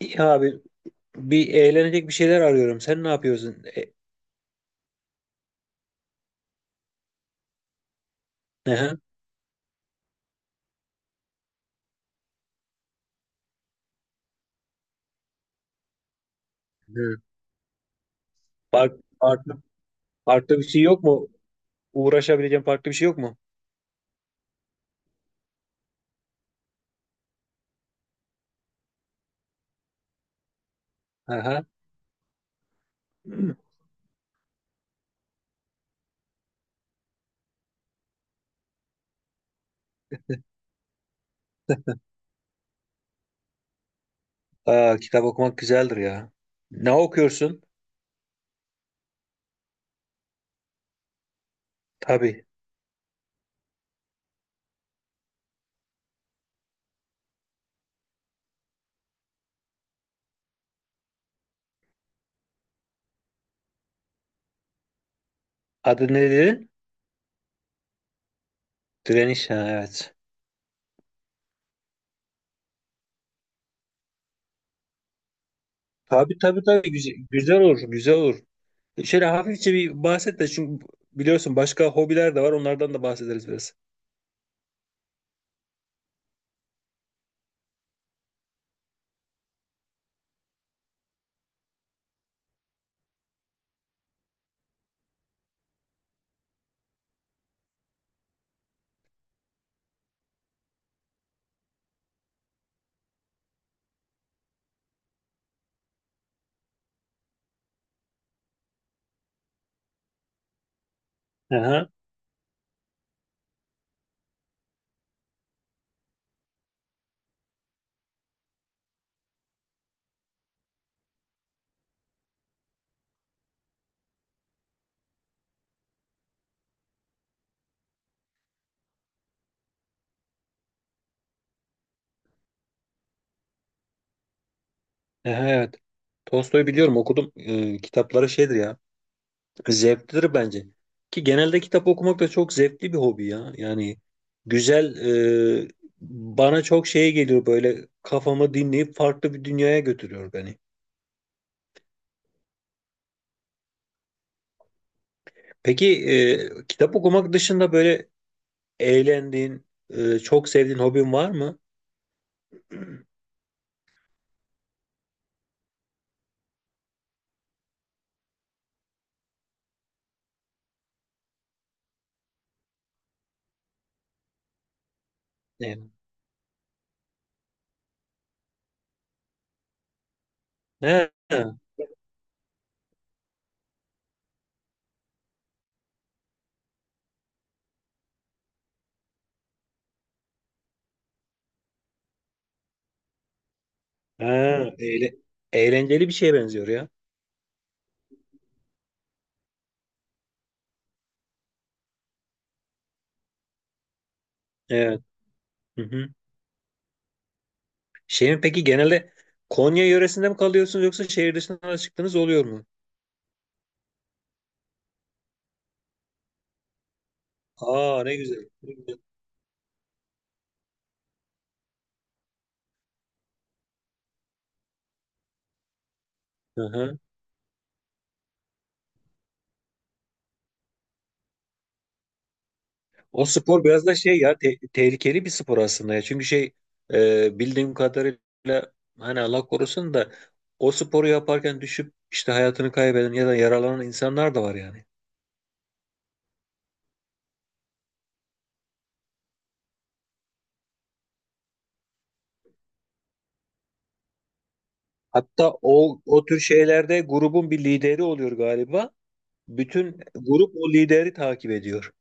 İyi abi, bir eğlenecek bir şeyler arıyorum. Sen ne yapıyorsun? Ehe. Hı. Farklı, farklı bir şey yok mu? Uğraşabileceğim farklı bir şey yok mu? Aha. Hı. Aa, kitap okumak güzeldir ya. Ne okuyorsun? Tabii. Adı ne dedin? Direniş. Ha, evet. Tabii, tabii, tabii. Güzel, güzel olur. Güzel olur. Şöyle hafifçe bir bahset de, çünkü biliyorsun başka hobiler de var. Onlardan da bahsederiz biraz. Aha. Aha, evet. Tolstoy'u biliyorum, okudum. Kitapları şeydir ya. Zevklidir bence. Ki genelde kitap okumak da çok zevkli bir hobi ya. Yani güzel, e, bana çok şeye geliyor, böyle kafamı dinleyip farklı bir dünyaya götürüyor beni. Peki, kitap okumak dışında böyle eğlendiğin, çok sevdiğin hobin var mı? Ne? Ha, ha, eğle- eğlenceli bir şeye benziyor ya. Evet. Hı hı. Şeyin peki genelde Konya yöresinde mi kalıyorsunuz, yoksa şehir dışına çıktığınız oluyor mu? Aa, ne güzel. Ne güzel. Hı hı. O spor biraz da şey ya, tehlikeli bir spor aslında ya. Çünkü şey, bildiğim kadarıyla hani Allah korusun da o sporu yaparken düşüp işte hayatını kaybeden ya da yaralanan insanlar da var yani. Hatta o, o tür şeylerde grubun bir lideri oluyor galiba. Bütün grup o lideri takip ediyor.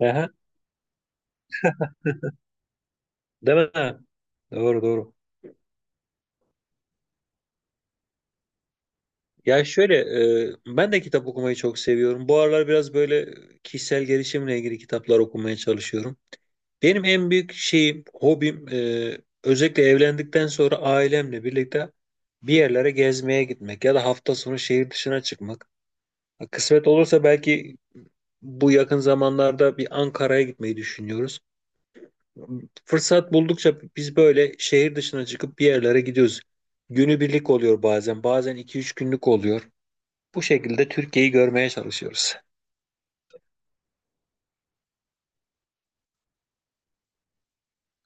Aha, değil mi? Ha, doğru doğru. Ya şöyle, ben de kitap okumayı çok seviyorum. Bu aralar biraz böyle kişisel gelişimle ilgili kitaplar okumaya çalışıyorum. Benim en büyük şeyim, hobim, özellikle evlendikten sonra ailemle birlikte bir yerlere gezmeye gitmek ya da hafta sonu şehir dışına çıkmak. Kısmet olursa belki bu yakın zamanlarda bir Ankara'ya gitmeyi düşünüyoruz. Fırsat buldukça biz böyle şehir dışına çıkıp bir yerlere gidiyoruz. Günübirlik oluyor bazen, bazen iki üç günlük oluyor. Bu şekilde Türkiye'yi görmeye çalışıyoruz.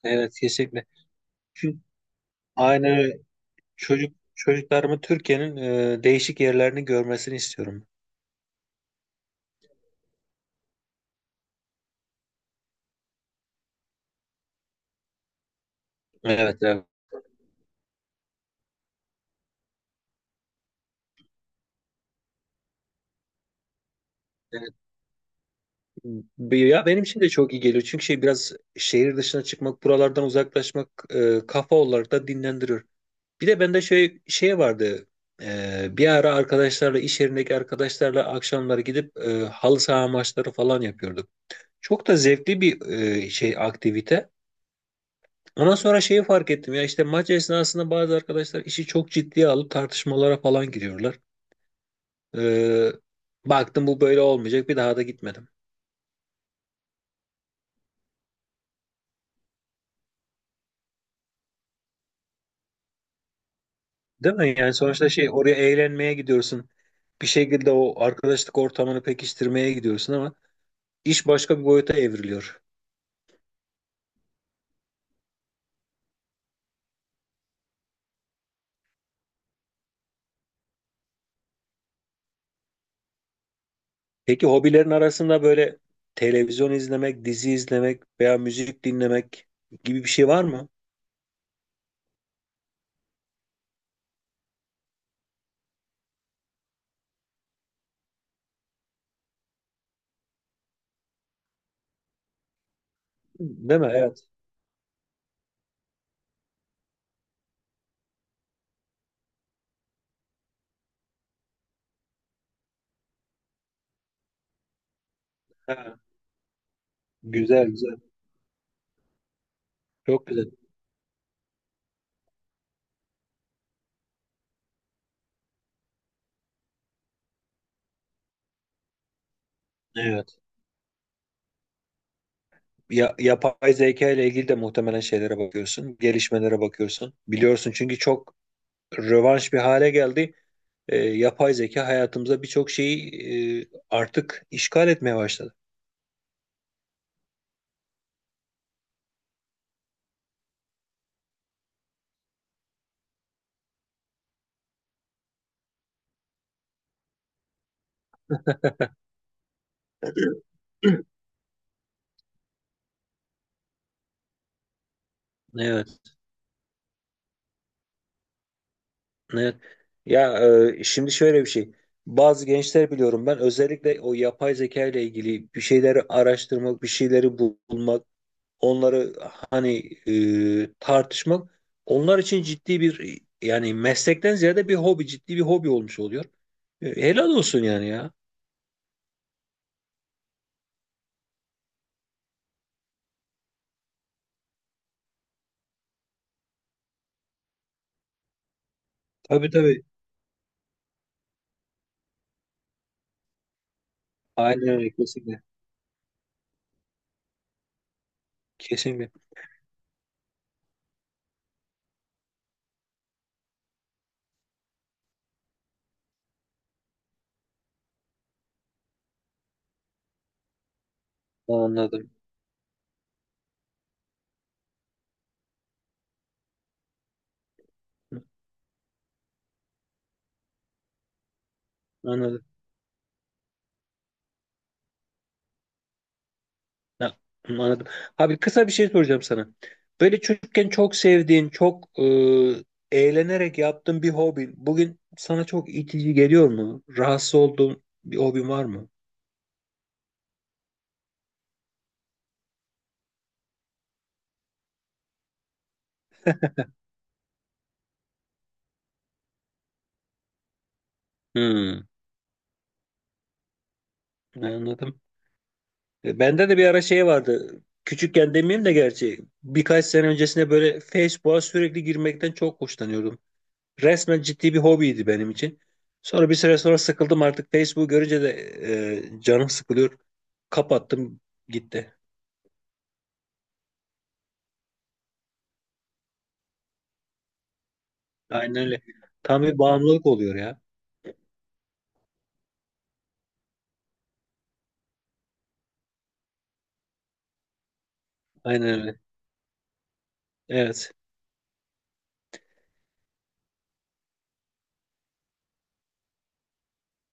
Evet, kesinlikle. Çünkü aynen öyle. Çocuklarımı Türkiye'nin, değişik yerlerini görmesini istiyorum. Evet, evet. Evet. Ya benim için de çok iyi geliyor. Çünkü şey, biraz şehir dışına çıkmak, buralardan uzaklaşmak, kafa olarak da dinlendiriyor. Bir de bende şey vardı. Bir ara arkadaşlarla, iş yerindeki arkadaşlarla akşamları gidip, halı saha maçları falan yapıyorduk. Çok da zevkli bir, şey, aktivite. Ondan sonra şeyi fark ettim ya, işte maç esnasında bazı arkadaşlar işi çok ciddiye alıp tartışmalara falan giriyorlar. Ee, baktım bu böyle olmayacak, bir daha da gitmedim. Değil mi? Yani sonuçta şey, oraya eğlenmeye gidiyorsun. Bir şekilde o arkadaşlık ortamını pekiştirmeye gidiyorsun, ama iş başka bir boyuta evriliyor. Peki hobilerin arasında böyle televizyon izlemek, dizi izlemek veya müzik dinlemek gibi bir şey var mı? Değil mi? Evet. Ha, güzel güzel. Çok güzel. Evet. Ya, yapay zeka ile ilgili de muhtemelen şeylere bakıyorsun, gelişmelere bakıyorsun. Biliyorsun, çünkü çok rövanş bir hale geldi. Yapay zeka hayatımıza birçok şeyi, artık işgal etmeye başladı. Evet, evet. Ya, şimdi şöyle bir şey. Bazı gençler biliyorum, ben özellikle o yapay zeka ile ilgili bir şeyleri araştırmak, bir şeyleri bulmak, onları hani, tartışmak onlar için ciddi bir, yani meslekten ziyade bir hobi, ciddi bir hobi olmuş oluyor. Helal olsun yani ya. Tabii tabii. Aynen öyle, kesinlikle. Kesinlikle. Anladım. Anladım. Ya, anladım. Abi kısa bir şey soracağım sana. Böyle çocukken çok sevdiğin, çok, eğlenerek yaptığın bir hobin bugün sana çok itici geliyor mu? Rahatsız olduğun bir hobin var mı? Hmm, anladım. Bende de bir ara şey vardı. Küçükken demeyeyim de, gerçi birkaç sene öncesine, böyle Facebook'a sürekli girmekten çok hoşlanıyordum. Resmen ciddi bir hobiydi benim için. Sonra bir süre sonra sıkıldım artık. Facebook görünce de, canım sıkılıyor. Kapattım, gitti. Aynen öyle. Tam bir bağımlılık oluyor ya. Aynen öyle. Evet.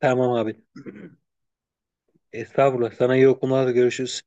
Tamam abi. Estağfurullah. Sana iyi okumalar, görüşürüz.